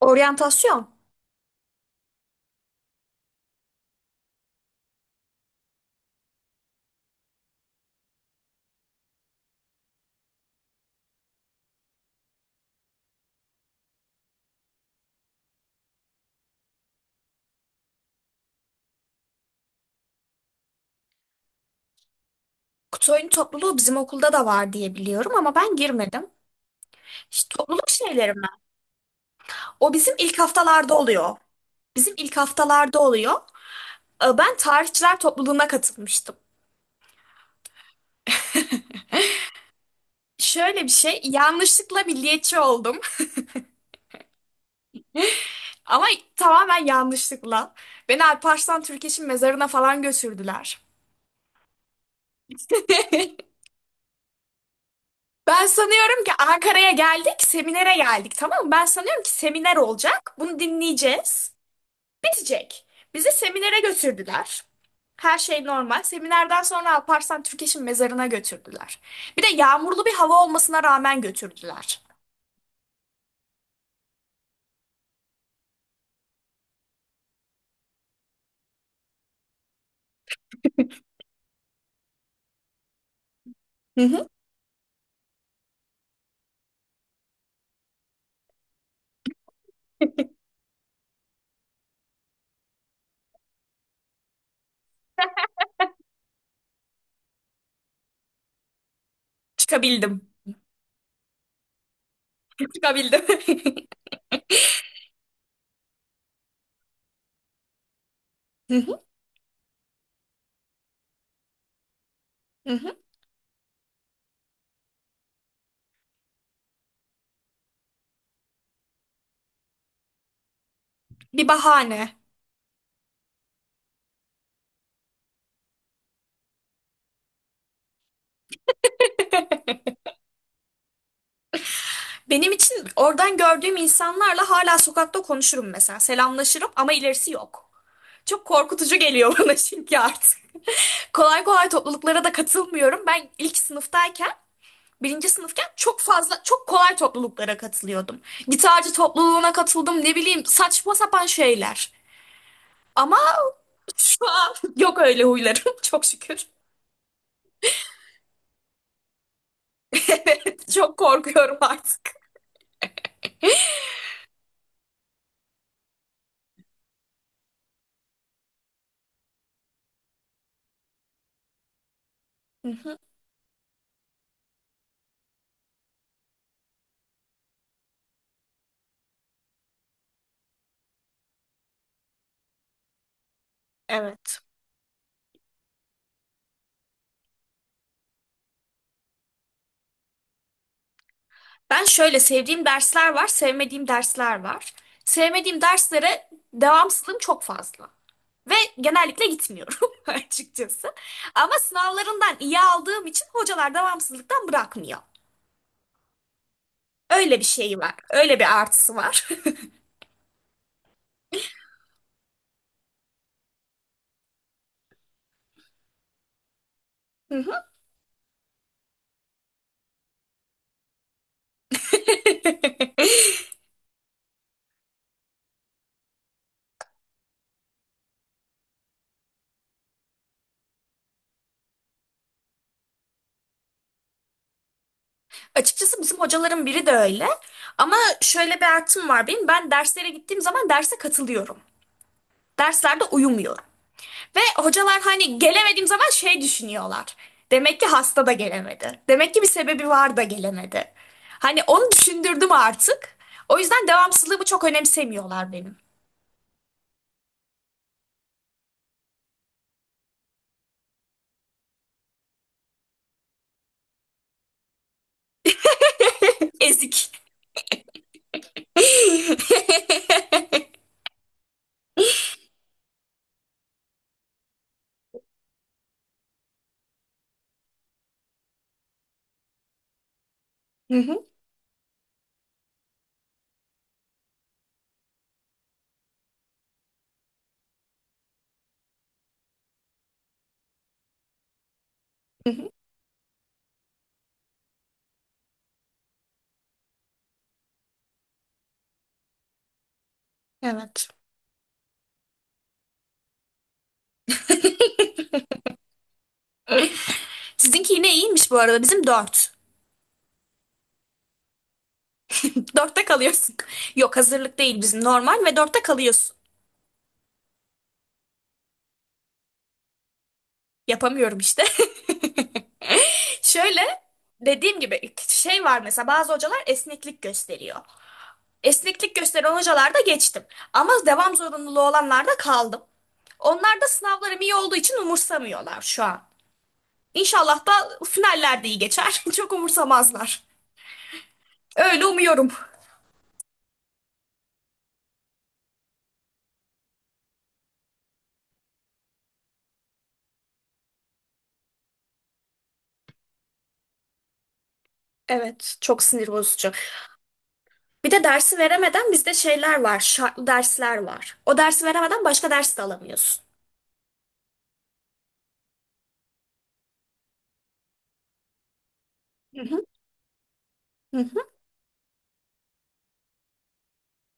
Oryantasyon. Kutu oyunu topluluğu bizim okulda da var diye biliyorum ama ben girmedim. İşte topluluk şeyleri mi? O bizim ilk haftalarda oluyor. Bizim ilk haftalarda oluyor. Ben tarihçiler topluluğuna katılmıştım. Şöyle bir şey, yanlışlıkla milliyetçi oldum. Ama tamamen yanlışlıkla. Beni Alparslan Türkeş'in mezarına falan götürdüler. Ben sanıyorum ki Ankara'ya geldik, seminere geldik, tamam mı? Ben sanıyorum ki seminer olacak. Bunu dinleyeceğiz, geçecek. Bizi seminere götürdüler. Her şey normal. Seminerden sonra Alparslan Türkeş'in mezarına götürdüler. Bir de yağmurlu bir hava olmasına rağmen götürdüler. Hı hı. Çıkabildim. Çıkabildim. Hı hı. Hı hı. Bir bahane. Benim için oradan gördüğüm insanlarla hala sokakta konuşurum mesela. Selamlaşırım ama ilerisi yok. Çok korkutucu geliyor bana çünkü artık. Kolay kolay topluluklara da katılmıyorum. Ben ilk sınıftayken birinci sınıfken çok fazla çok kolay topluluklara katılıyordum. Gitarcı topluluğuna katıldım, ne bileyim, saçma sapan şeyler. Ama şu an yok öyle huylarım çok şükür. Evet, çok korkuyorum artık. Hı hı. Evet. Ben şöyle, sevdiğim dersler var, sevmediğim dersler var. Sevmediğim derslere devamsızlığım çok fazla. Ve genellikle gitmiyorum açıkçası. Ama sınavlarından iyi aldığım için hocalar devamsızlıktan bırakmıyor. Öyle bir şey var. Öyle bir artısı var. Hı hı. Açıkçası bizim hocaların biri de öyle. Ama şöyle bir artım var benim. Ben derslere gittiğim zaman derse katılıyorum. Derslerde uyumuyorum. Ve hocalar hani gelemediğim zaman şey düşünüyorlar. Demek ki hasta da gelemedi. Demek ki bir sebebi var da gelemedi. Hani onu düşündürdüm artık. O yüzden devamsızlığımı çok önemsemiyorlar benim. Ezik. Hı hı, hı hı. Evet. Sizinki yine iyiymiş bu arada. Bizim dört. Dörtte kalıyorsun. Yok, hazırlık değil bizim, normal ve dörtte kalıyorsun. Yapamıyorum işte. Şöyle dediğim gibi, şey var mesela, bazı hocalar esneklik gösteriyor. Esneklik gösteren hocalarda geçtim. Ama devam zorunluluğu olanlarda kaldım. Onlar da sınavlarım iyi olduğu için umursamıyorlar şu an. İnşallah da finaller de iyi geçer. Çok umursamazlar. Öyle umuyorum. Evet, çok sinir bozucu. Bir de dersi veremeden bizde şeyler var, şartlı dersler var. O dersi veremeden başka ders de alamıyorsun. Hı hı,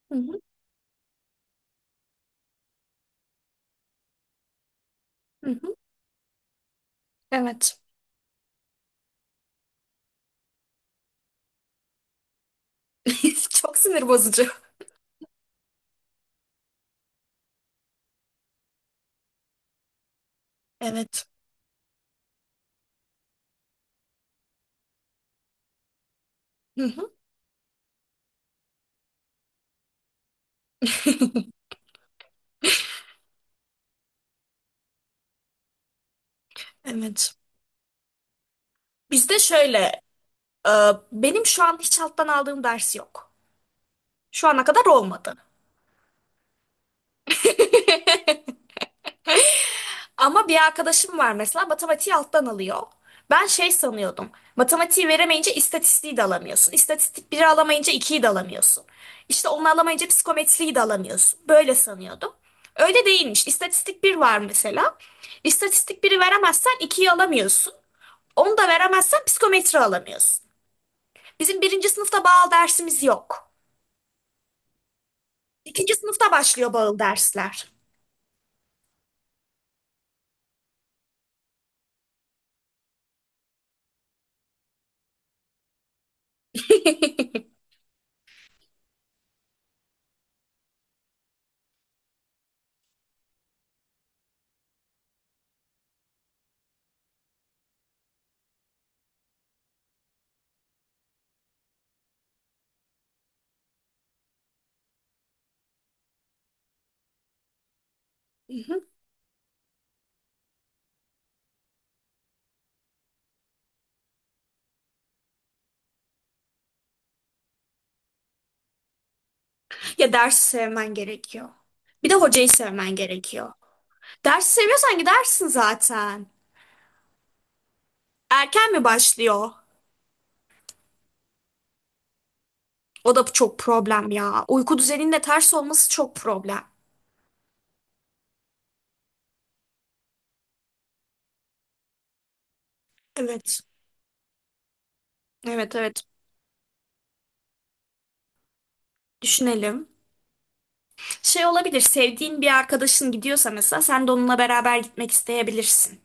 hı hı, hı hı. Evet. Çok sinir bozucu. Evet. Hı hı. Evet. Bizde şöyle, e, benim şu an hiç alttan aldığım ders yok. Şu ana kadar olmadı. Ama bir arkadaşım var mesela, matematiği alttan alıyor. Ben şey sanıyordum. Matematiği veremeyince istatistiği de alamıyorsun. İstatistik biri alamayınca ikiyi de alamıyorsun. İşte onu alamayınca psikometriyi de alamıyorsun. Böyle sanıyordum. Öyle değilmiş. İstatistik bir var mesela. İstatistik biri veremezsen ikiyi alamıyorsun. Onu da veremezsen psikometri alamıyorsun. Bizim birinci sınıfta bağıl dersimiz yok. İkinci sınıfta başlıyor bağıl dersler. Hı hı. Ya dersi sevmen gerekiyor. Bir de hocayı sevmen gerekiyor. Dersi seviyorsan gidersin zaten. Erken mi başlıyor? O da çok problem ya. Uyku düzeninin de ters olması çok problem. Evet. Evet, evet. Düşünelim. Şey olabilir, sevdiğin bir arkadaşın gidiyorsa mesela sen de onunla beraber gitmek isteyebilirsin.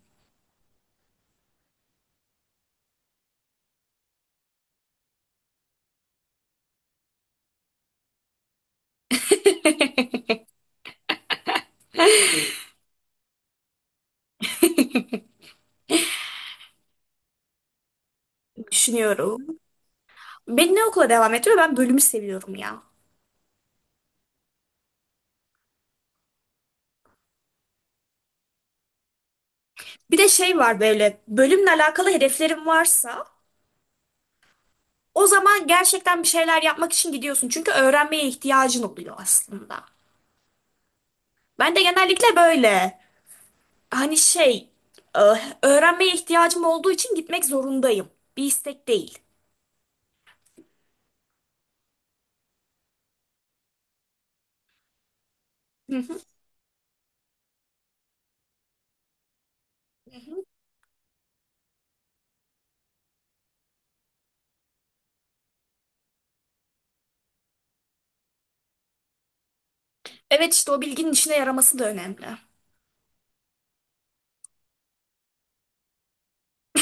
Düşünüyorum. Beni ne okula devam ettiriyor? Ben bölümü seviyorum ya. Bir de şey var, böyle bölümle alakalı hedeflerin varsa o zaman gerçekten bir şeyler yapmak için gidiyorsun. Çünkü öğrenmeye ihtiyacın oluyor aslında. Ben de genellikle böyle, hani şey, e, öğrenmeye ihtiyacım olduğu için gitmek zorundayım. Bir istek değil. Hı hı. Hı hı. Evet, işte o bilginin işine yaraması da önemli.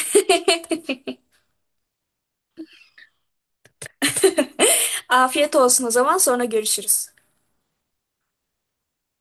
Afiyet olsun o zaman, sonra görüşürüz.